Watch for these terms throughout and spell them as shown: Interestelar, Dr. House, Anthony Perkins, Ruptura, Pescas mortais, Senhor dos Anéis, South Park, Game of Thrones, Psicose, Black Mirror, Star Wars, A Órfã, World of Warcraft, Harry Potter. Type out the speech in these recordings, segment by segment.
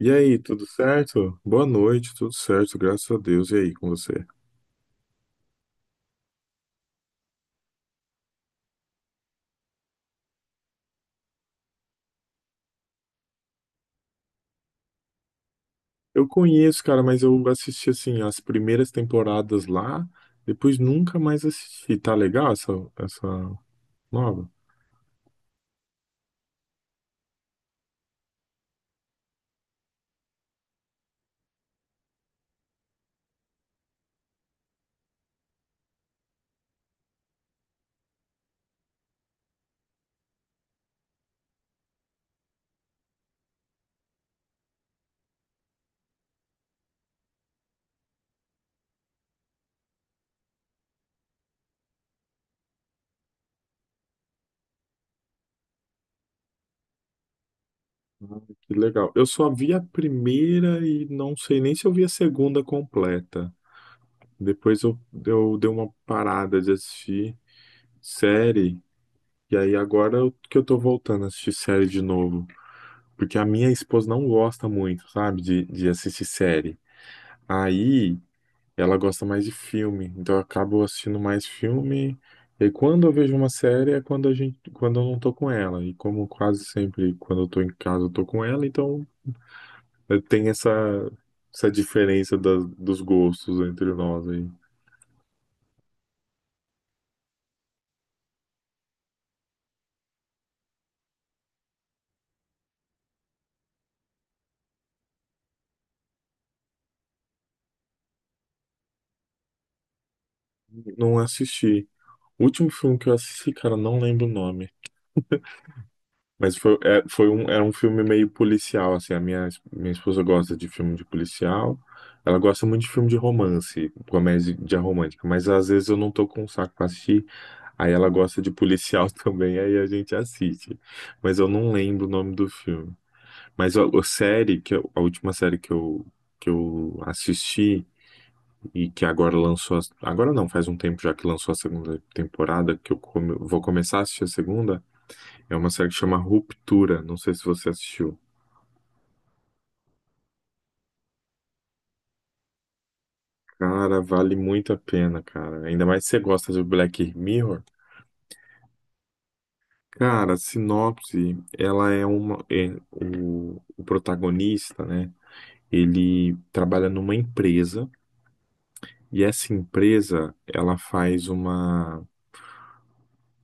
E aí, tudo certo? Boa noite, tudo certo, graças a Deus. E aí, com você? Eu conheço, cara, mas eu assisti assim as primeiras temporadas lá, depois nunca mais assisti. Tá legal essa nova? Ah, que legal. Eu só vi a primeira e não sei nem se eu vi a segunda completa. Depois eu dei uma parada de assistir série, e aí agora que eu tô voltando a assistir série de novo. Porque a minha esposa não gosta muito, sabe, de assistir série. Aí ela gosta mais de filme, então eu acabo assistindo mais filme. E aí, quando eu vejo uma série é quando a gente, quando eu não tô com ela. E como quase sempre quando eu tô em casa eu tô com ela, então tem essa diferença dos gostos entre nós aí. Não assisti. O último filme que eu assisti, cara, não lembro o nome. Mas foi, é, foi um, era um filme meio policial, assim. A minha esposa gosta de filme de policial. Ela gosta muito de filme de romance, comédia romântica. Mas às vezes eu não tô com o saco pra assistir. Aí ela gosta de policial também, aí a gente assiste. Mas eu não lembro o nome do filme. Mas a série, a última série que eu assisti e que agora lançou. Agora não, faz um tempo já que lançou a segunda temporada, que eu vou começar a assistir a segunda. É uma série que chama Ruptura. Não sei se você assistiu. Cara, vale muito a pena, cara. Ainda mais se você gosta de Black Mirror. Cara, a sinopse, ela é uma. O protagonista, né? Ele trabalha numa empresa e essa empresa, ela faz uma.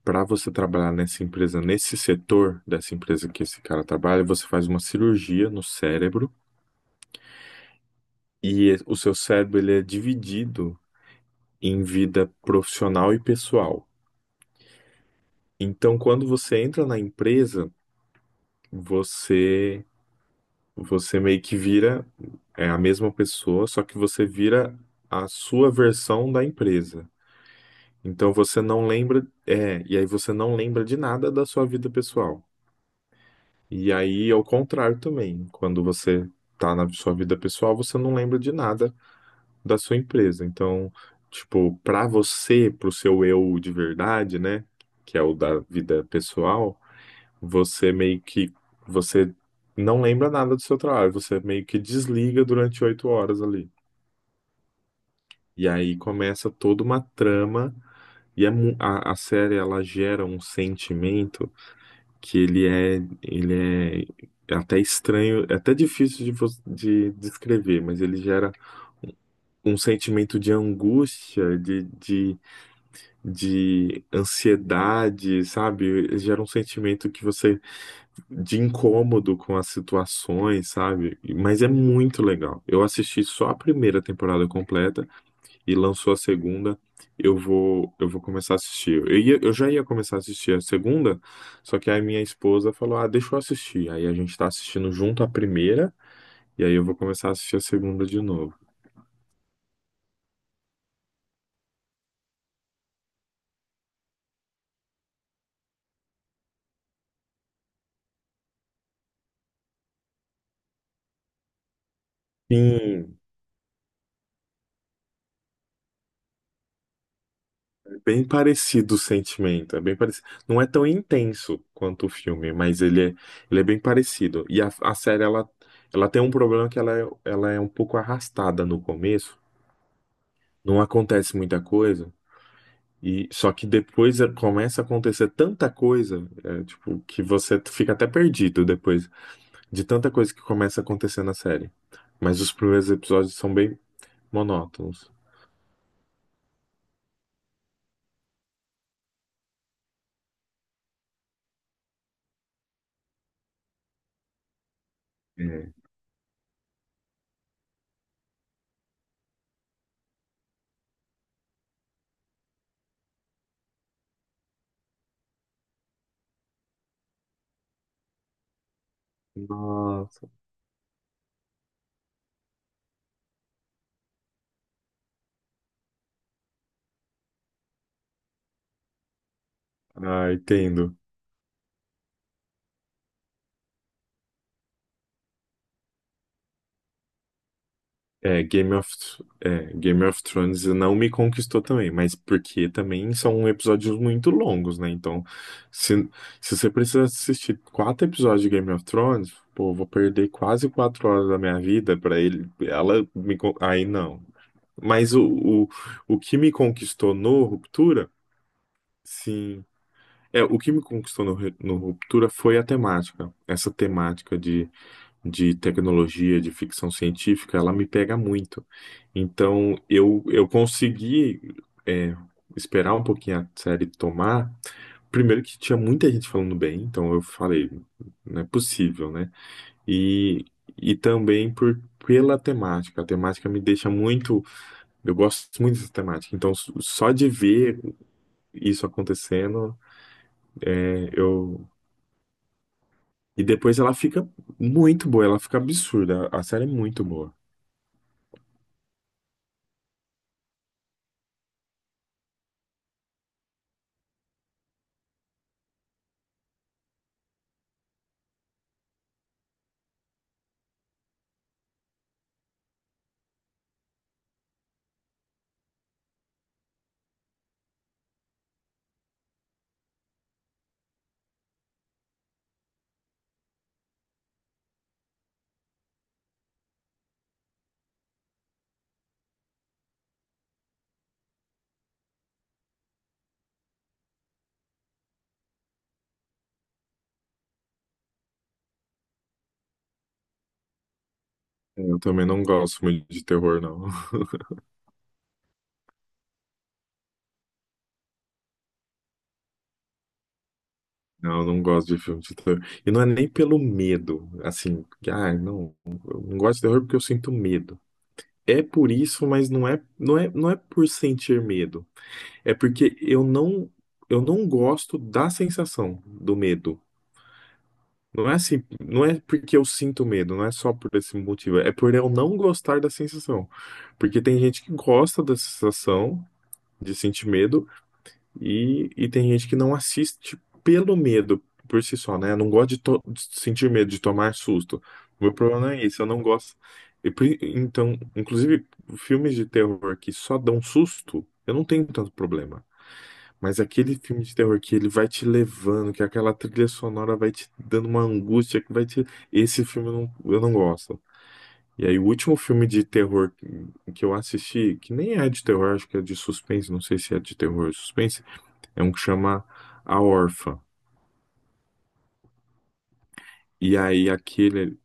Para você trabalhar nessa empresa, nesse setor dessa empresa que esse cara trabalha, você faz uma cirurgia no cérebro e o seu cérebro ele é dividido em vida profissional e pessoal. Então, quando você entra na empresa, você você meio que vira é a mesma pessoa, só que você vira a sua versão da empresa. Então você não lembra, e aí você não lembra de nada da sua vida pessoal. E aí ao contrário também, quando você tá na sua vida pessoal, você não lembra de nada da sua empresa. Então, tipo, para você, pro seu eu de verdade, né, que é o da vida pessoal, Você meio que você não lembra nada do seu trabalho, você meio que desliga durante 8 horas ali. E aí começa toda uma trama e a série ela gera um sentimento que ele é até estranho, é até difícil de descrever, mas ele gera um sentimento de angústia, de ansiedade, sabe? Gera um sentimento que você de incômodo com as situações, sabe? Mas é muito legal. Eu assisti só a primeira temporada completa e lançou a segunda. Eu vou começar a assistir. Eu já ia começar a assistir a segunda, só que aí minha esposa falou: Ah, deixa eu assistir. Aí a gente tá assistindo junto a primeira, e aí eu vou começar a assistir a segunda de novo. Sim, bem parecido o sentimento, é bem parecido. Não é tão intenso quanto o filme, mas ele é bem parecido. E a série, ela tem um problema que ela é um pouco arrastada no começo, não acontece muita coisa, e só que depois começa a acontecer tanta coisa, tipo, que você fica até perdido depois de tanta coisa que começa a acontecer na série. Mas os primeiros episódios são bem monótonos. É. Nossa, ah, entendo. É, Game of Thrones não me conquistou também, mas porque também são episódios muito longos, né? Então, se, se você precisa assistir quatro episódios de Game of Thrones, pô, eu vou perder quase 4 horas da minha vida pra ele. Ela me, aí não. Mas o, o que me conquistou no Ruptura, sim. É, o que me conquistou no Ruptura foi a temática. Essa temática de tecnologia, de ficção científica, ela me pega muito. Então, eu consegui é, esperar um pouquinho a série tomar. Primeiro que tinha muita gente falando bem, então eu falei, não é possível, né? E, e também pela temática. A temática me deixa muito. Eu gosto muito dessa temática. Então, só de ver isso acontecendo, é, eu. E depois ela fica muito boa, ela fica absurda. A série é muito boa. É, eu também não gosto muito de terror, não. Não, eu não gosto de filme de terror. E não é nem pelo medo, assim, que, ah, não, eu não gosto de terror porque eu sinto medo. É por isso, mas não é por sentir medo. É porque eu não gosto da sensação do medo. Não é assim, não é porque eu sinto medo, não é só por esse motivo, é por eu não gostar da sensação. Porque tem gente que gosta da sensação de sentir medo, e tem gente que não assiste pelo medo por si só, né? Eu não gosto de sentir medo, de tomar susto. O meu problema é isso, eu não gosto. E então, inclusive, filmes de terror que só dão susto, eu não tenho tanto problema. Mas aquele filme de terror que ele vai te levando, que aquela trilha sonora vai te dando uma angústia, que vai te. Esse filme eu não gosto. E aí, o último filme de terror que eu assisti, que nem é de terror, acho que é de suspense, não sei se é de terror ou suspense. É um que chama A Órfã. E aí aquele.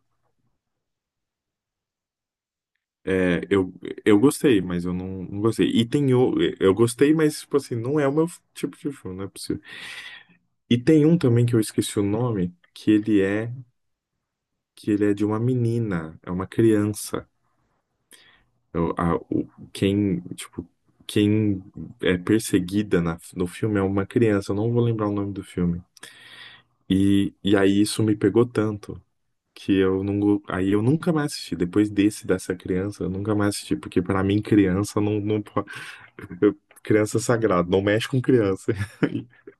é, eu, eu gostei, mas eu não gostei. E tem o, eu gostei, mas tipo assim, não é o meu tipo de filme, não é possível. E tem um também que eu esqueci o nome, que ele é de uma menina, é uma criança. Eu- a- o, quem, tipo, quem é perseguida no filme é uma criança, eu não vou lembrar o nome do filme. E aí isso me pegou tanto, que eu não, aí eu nunca mais assisti. Depois desse dessa criança, eu nunca mais assisti, porque pra mim criança não pode, eu- criança é sagrado, não mexe com criança.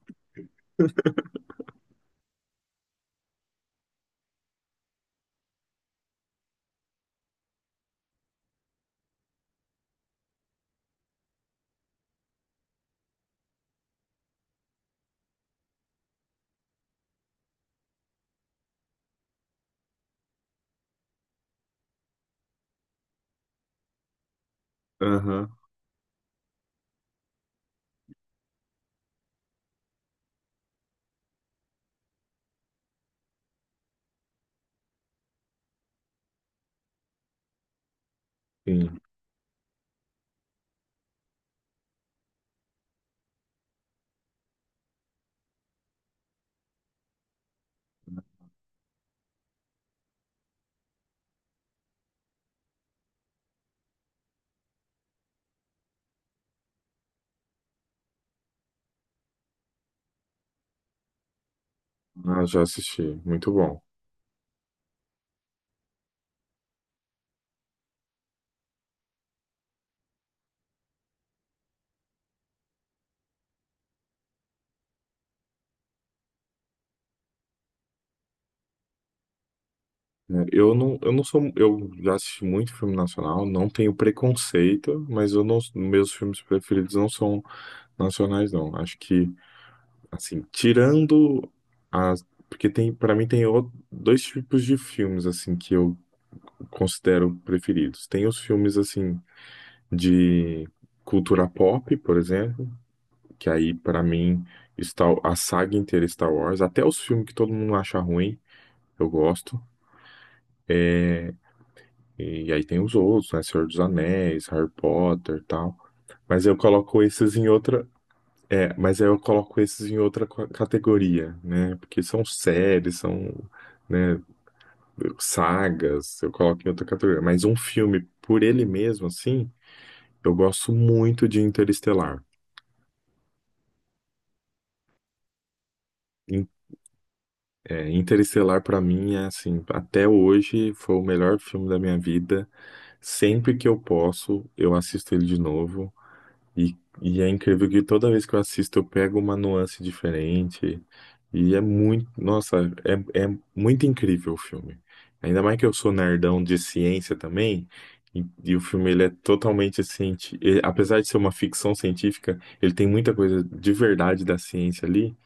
Aham, sim. Ah, já assisti, muito bom. É, eu não, eu não sou, eu já assisti muito filme nacional, não tenho preconceito, mas eu não, meus filmes preferidos não são nacionais, não. Acho que, assim, tirando as, porque tem, para mim tem dois tipos de filmes assim que eu considero preferidos. Tem os filmes assim de cultura pop, por exemplo, que aí pra mim está a saga inteira é Star Wars, até os filmes que todo mundo acha ruim, eu gosto. E aí tem os outros, né, Senhor dos Anéis, Harry Potter, tal. Mas eu coloco esses em outra, mas aí eu coloco esses em outra categoria, né? Porque são séries, são, né, sagas, eu coloco em outra categoria. Mas um filme por ele mesmo, assim, eu gosto muito de Interestelar. In- Interestelar, pra mim, é assim, até hoje foi o melhor filme da minha vida. Sempre que eu posso, eu assisto ele de novo. E, e é incrível que toda vez que eu assisto, eu pego uma nuance diferente. E é muito, nossa, é muito incrível o filme. Ainda mais que eu sou nerdão de ciência também. E o filme ele é totalmente científico. Apesar de ser uma ficção científica, ele tem muita coisa de verdade da ciência ali.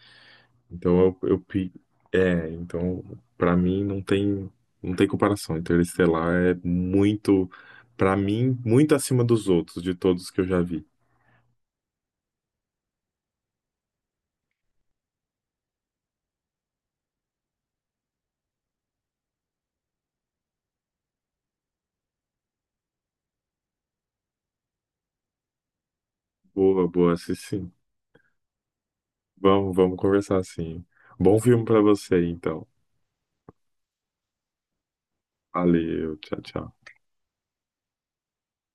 Então eu, eu pi- então para mim não tem comparação. Então, Interestelar é muito para mim muito acima dos outros, de todos que eu já vi. Boa, boa, sim, sim. Vamos conversar assim. Bom filme para você então. Valeu, tchau, tchau.